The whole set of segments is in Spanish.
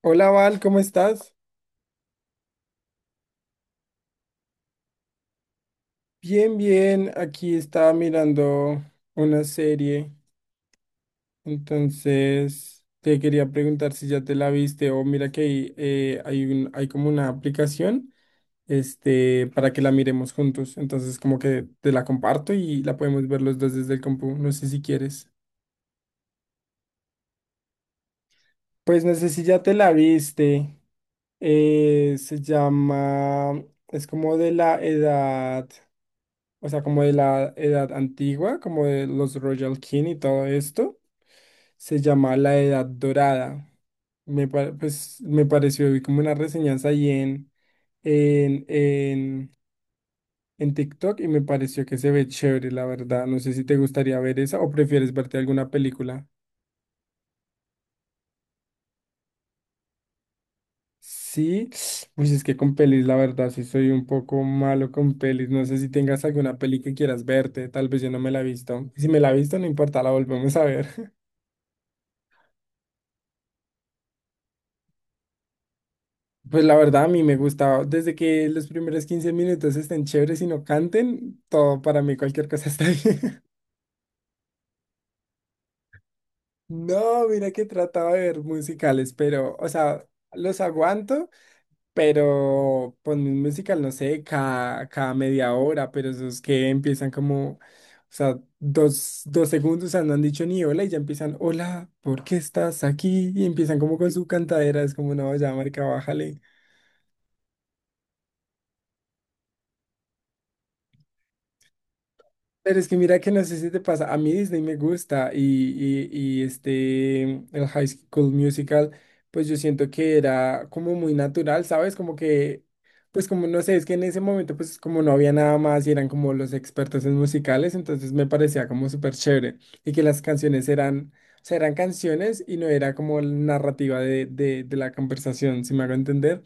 Hola, Val, ¿cómo estás? Bien, bien. Aquí estaba mirando una serie, entonces te quería preguntar si ya te la viste o mira que hay, hay hay como una aplicación, para que la miremos juntos. Entonces como que te la comparto y la podemos ver los dos desde el compu. No sé si quieres. Pues no sé si ya te la viste. Se llama, es como de la edad. O sea, como de la edad antigua, como de los Royal King y todo esto, se llama la Edad Dorada. Pues, me pareció, vi como una reseñanza ahí en, en, en TikTok y me pareció que se ve chévere, la verdad. No sé si te gustaría ver esa o prefieres verte alguna película. Sí, pues es que con pelis, la verdad, sí soy un poco malo con pelis. No sé si tengas alguna peli que quieras verte, tal vez yo no me la he visto. Si me la he visto, no importa, la volvemos a ver. Pues la verdad a mí me gusta, desde que los primeros 15 minutos estén chéveres y no canten, todo para mí, cualquier cosa está bien. No, mira que trataba de ver musicales, pero, o sea, los aguanto, pero ponme un musical, no sé, cada 1/2 hora, pero esos que empiezan como, o sea, 2 segundos, o sea, no han dicho ni hola y ya empiezan, hola, ¿por qué estás aquí? Y empiezan como con su cantadera, es como, no, ya, marica, bájale. Pero es que mira que no sé si te pasa, a mí Disney me gusta y el High School Musical, pues yo siento que era como muy natural, ¿sabes? Como que, pues como no sé, es que en ese momento pues como no había nada más y eran como los expertos en musicales, entonces me parecía como súper chévere y que las canciones eran, o sea, eran canciones y no era como la narrativa de la conversación, si me hago entender.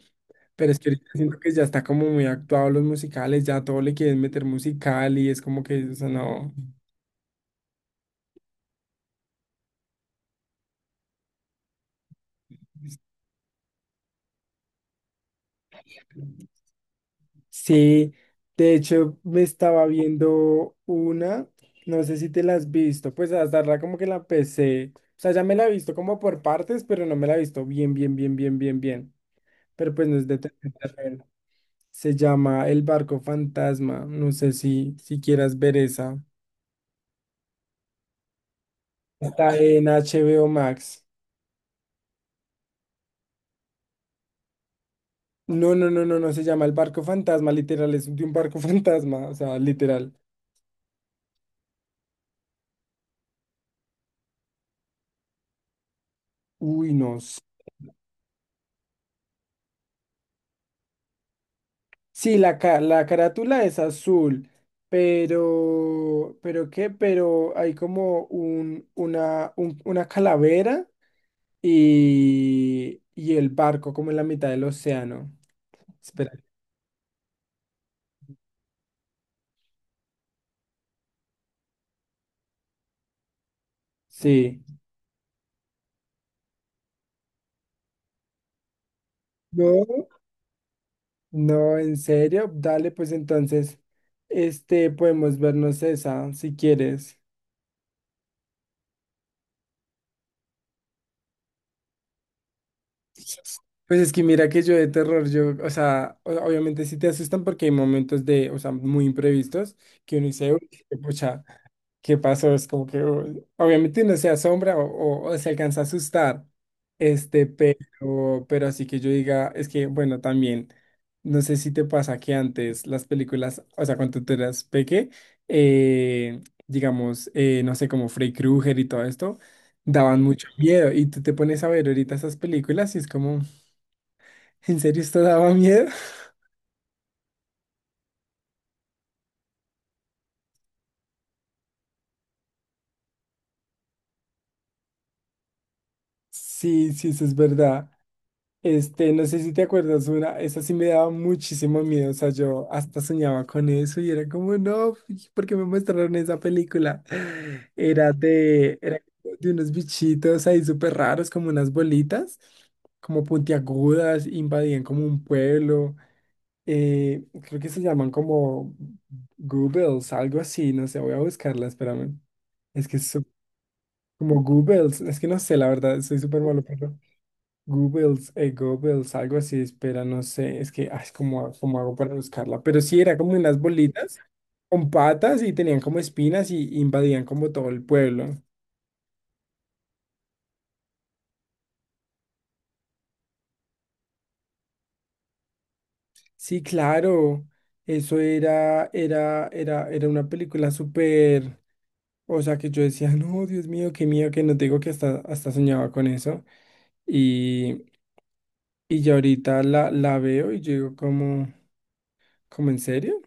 Pero es que ahorita siento que ya está como muy actuado los musicales, ya todo le quieren meter musical y es como que, o sea, no. Sí, de hecho me estaba viendo una, no sé si te la has visto, pues hasta la como que la empecé, o sea, ya me la he visto como por partes, pero no me la he visto bien, pero pues no es de terror, terror. Se llama El Barco Fantasma, no sé si, si quieras ver esa. Está en HBO Max. No, no, no, no, no se llama el barco fantasma, literal, es de un barco fantasma, o sea, literal. Uy, no. Sí, la, la carátula es azul, pero qué, pero hay como una calavera y el barco como en la mitad del océano. Espera, sí. No, no, en serio, dale, pues entonces, podemos vernos esa, si quieres. Pues es que mira que yo de terror, yo, o sea, obviamente sí te asustan porque hay momentos de, o sea, muy imprevistos que uno dice, "Uy, qué pucha, ¿qué pasó? Es como que, uy, obviamente uno se asombra o se alcanza a asustar, pero así que yo diga, es que, bueno, también, no sé si te pasa que antes las películas, o sea, cuando tú eras peque, eh, digamos, no sé, como Freddy Krueger y todo esto, daban mucho miedo y tú te pones a ver ahorita esas películas y es como... ¿En serio esto daba miedo? Sí, sí, eso es verdad. Este, no sé si te acuerdas una, esa sí me daba muchísimo miedo, o sea, yo hasta soñaba con eso y era como, no, ¿por qué me mostraron esa película? Era de unos bichitos ahí súper raros, como unas bolitas, como puntiagudas, invadían como un pueblo, creo que se llaman como Googles, algo así, no sé, voy a buscarla, espérame. Es que es como Goebbels, es que no sé, la verdad, soy súper malo, pero Goebbels, Goebbels, algo así, espera, no sé, es que, ay, ¿cómo, cómo hago para buscarla? Pero sí, era como unas bolitas con patas y tenían como espinas y invadían como todo el pueblo. Sí, claro, eso era una película súper, o sea, que yo decía, no, Dios mío, qué miedo, que no te digo que hasta soñaba con eso. Y, y ya ahorita la veo y yo digo como, ¿como en serio?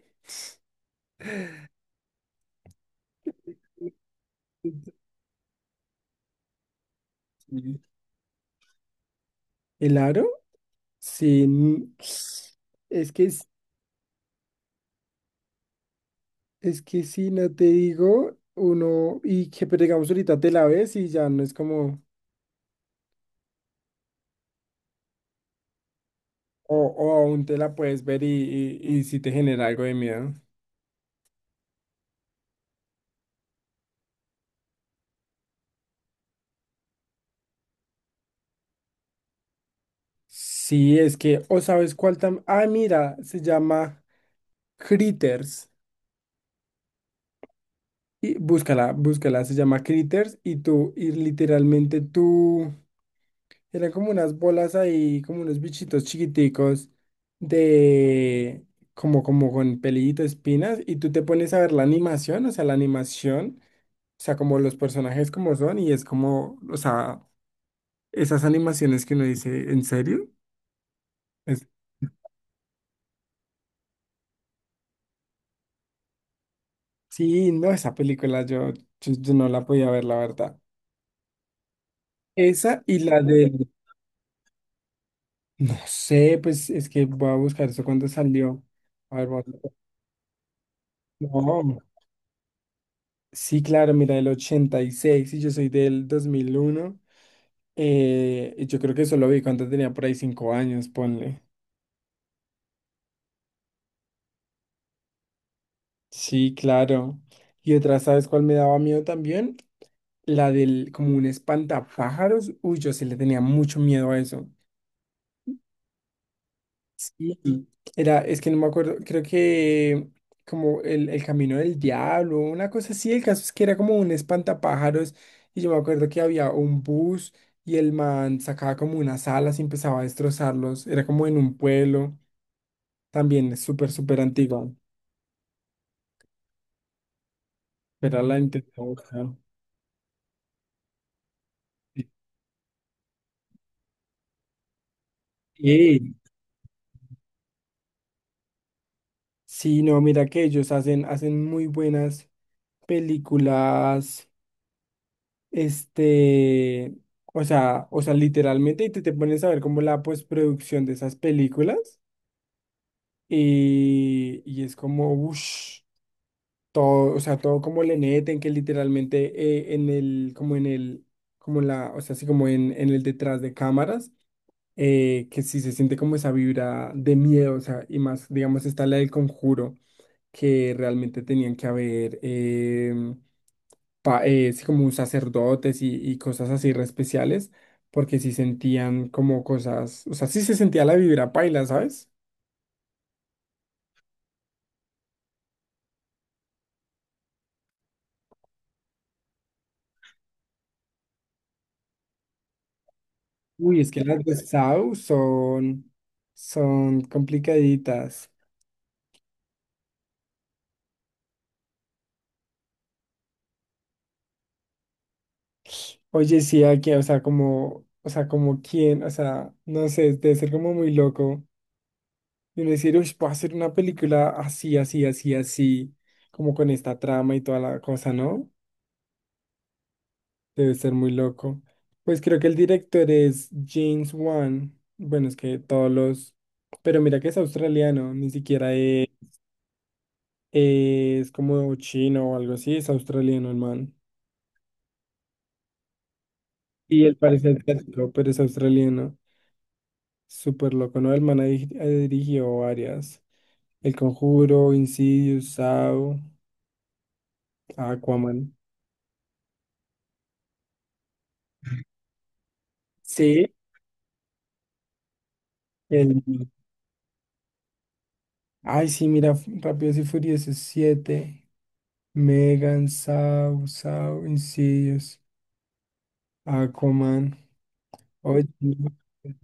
Sí. ¿El aro? Sí. Es que, es que si no te digo, uno, y que pero digamos ahorita te la ves y ya no es como, o aún te la puedes ver y si te genera algo de miedo. Sí, es que, o sabes cuál tam, ah, mira, se llama Critters. Y búscala, búscala, se llama Critters y tú, y literalmente tú. Eran como unas bolas ahí, como unos bichitos chiquiticos de como, como con pelito, espinas, y tú te pones a ver la animación, o sea, la animación, o sea, como los personajes como son, y es como, o sea, esas animaciones que uno dice, ¿en serio? Es- sí, no, esa película yo no la podía ver, la verdad. Esa y la de, no sé, pues es que voy a buscar eso cuando salió. A ver, vamos. No. Sí, claro, mira, el 86 y yo soy del 2001, y yo creo que eso lo vi cuando tenía por ahí 5 años, ponle. Sí, claro. Y otra, ¿sabes cuál me daba miedo también? La del como un espantapájaros. Uy, yo sí le tenía mucho miedo a eso. Sí, era, es que no me acuerdo, creo que como el camino del diablo, una cosa así, el caso es que era como un espantapájaros y yo me acuerdo que había un bus y el man sacaba como unas alas y empezaba a destrozarlos, era como en un pueblo, también es súper, súper antiguo, pero la intenté buscar. Sí, sí, no, mira que ellos hacen, hacen muy buenas películas. Este, o sea, literalmente, te pones a ver como la postproducción de esas películas, y es como, uff, todo, o sea, todo como le meten, que literalmente en el, como la, o sea, así como en el detrás de cámaras, que sí se siente como esa vibra de miedo, o sea, y más, digamos, está la del conjuro, que realmente tenían que haber, sí, como sacerdotes y cosas así re especiales, porque sí sentían como cosas, o sea, sí se sentía la vibra paila, ¿sabes? Uy, es que las de Sau son, son complicaditas. Oye, sí, aquí, o sea, como quién, o sea, no sé, debe ser como muy loco. Y uno decir, uy, puedo hacer una película así, así, así, así, como con esta trama y toda la cosa, ¿no? Debe ser muy loco. Pues creo que el director es James Wan. Bueno, es que todos los... Pero mira que es australiano, ni siquiera es como chino o algo así, es australiano el man. Y él parece asiático, pero es australiano. Súper loco, ¿no? El man ha dirigido varias. El Conjuro, Insidious, Saw, Aquaman. Sí. El... Ay, sí, mira, Rápidos y Furiosos 7, Megan, Saw, Insidious. Aquaman. Oye, no, pues,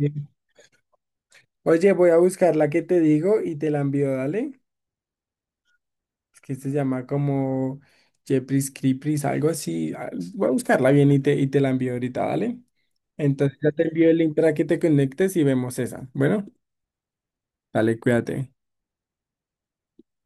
oye, voy a buscar la que te digo y te la envío, dale. Es que se llama como Jepris Creepers, algo así. Ah, voy a buscarla bien y te la envío ahorita, dale. Entonces ya te envío el link para que te conectes y vemos esa. Bueno, dale, cuídate.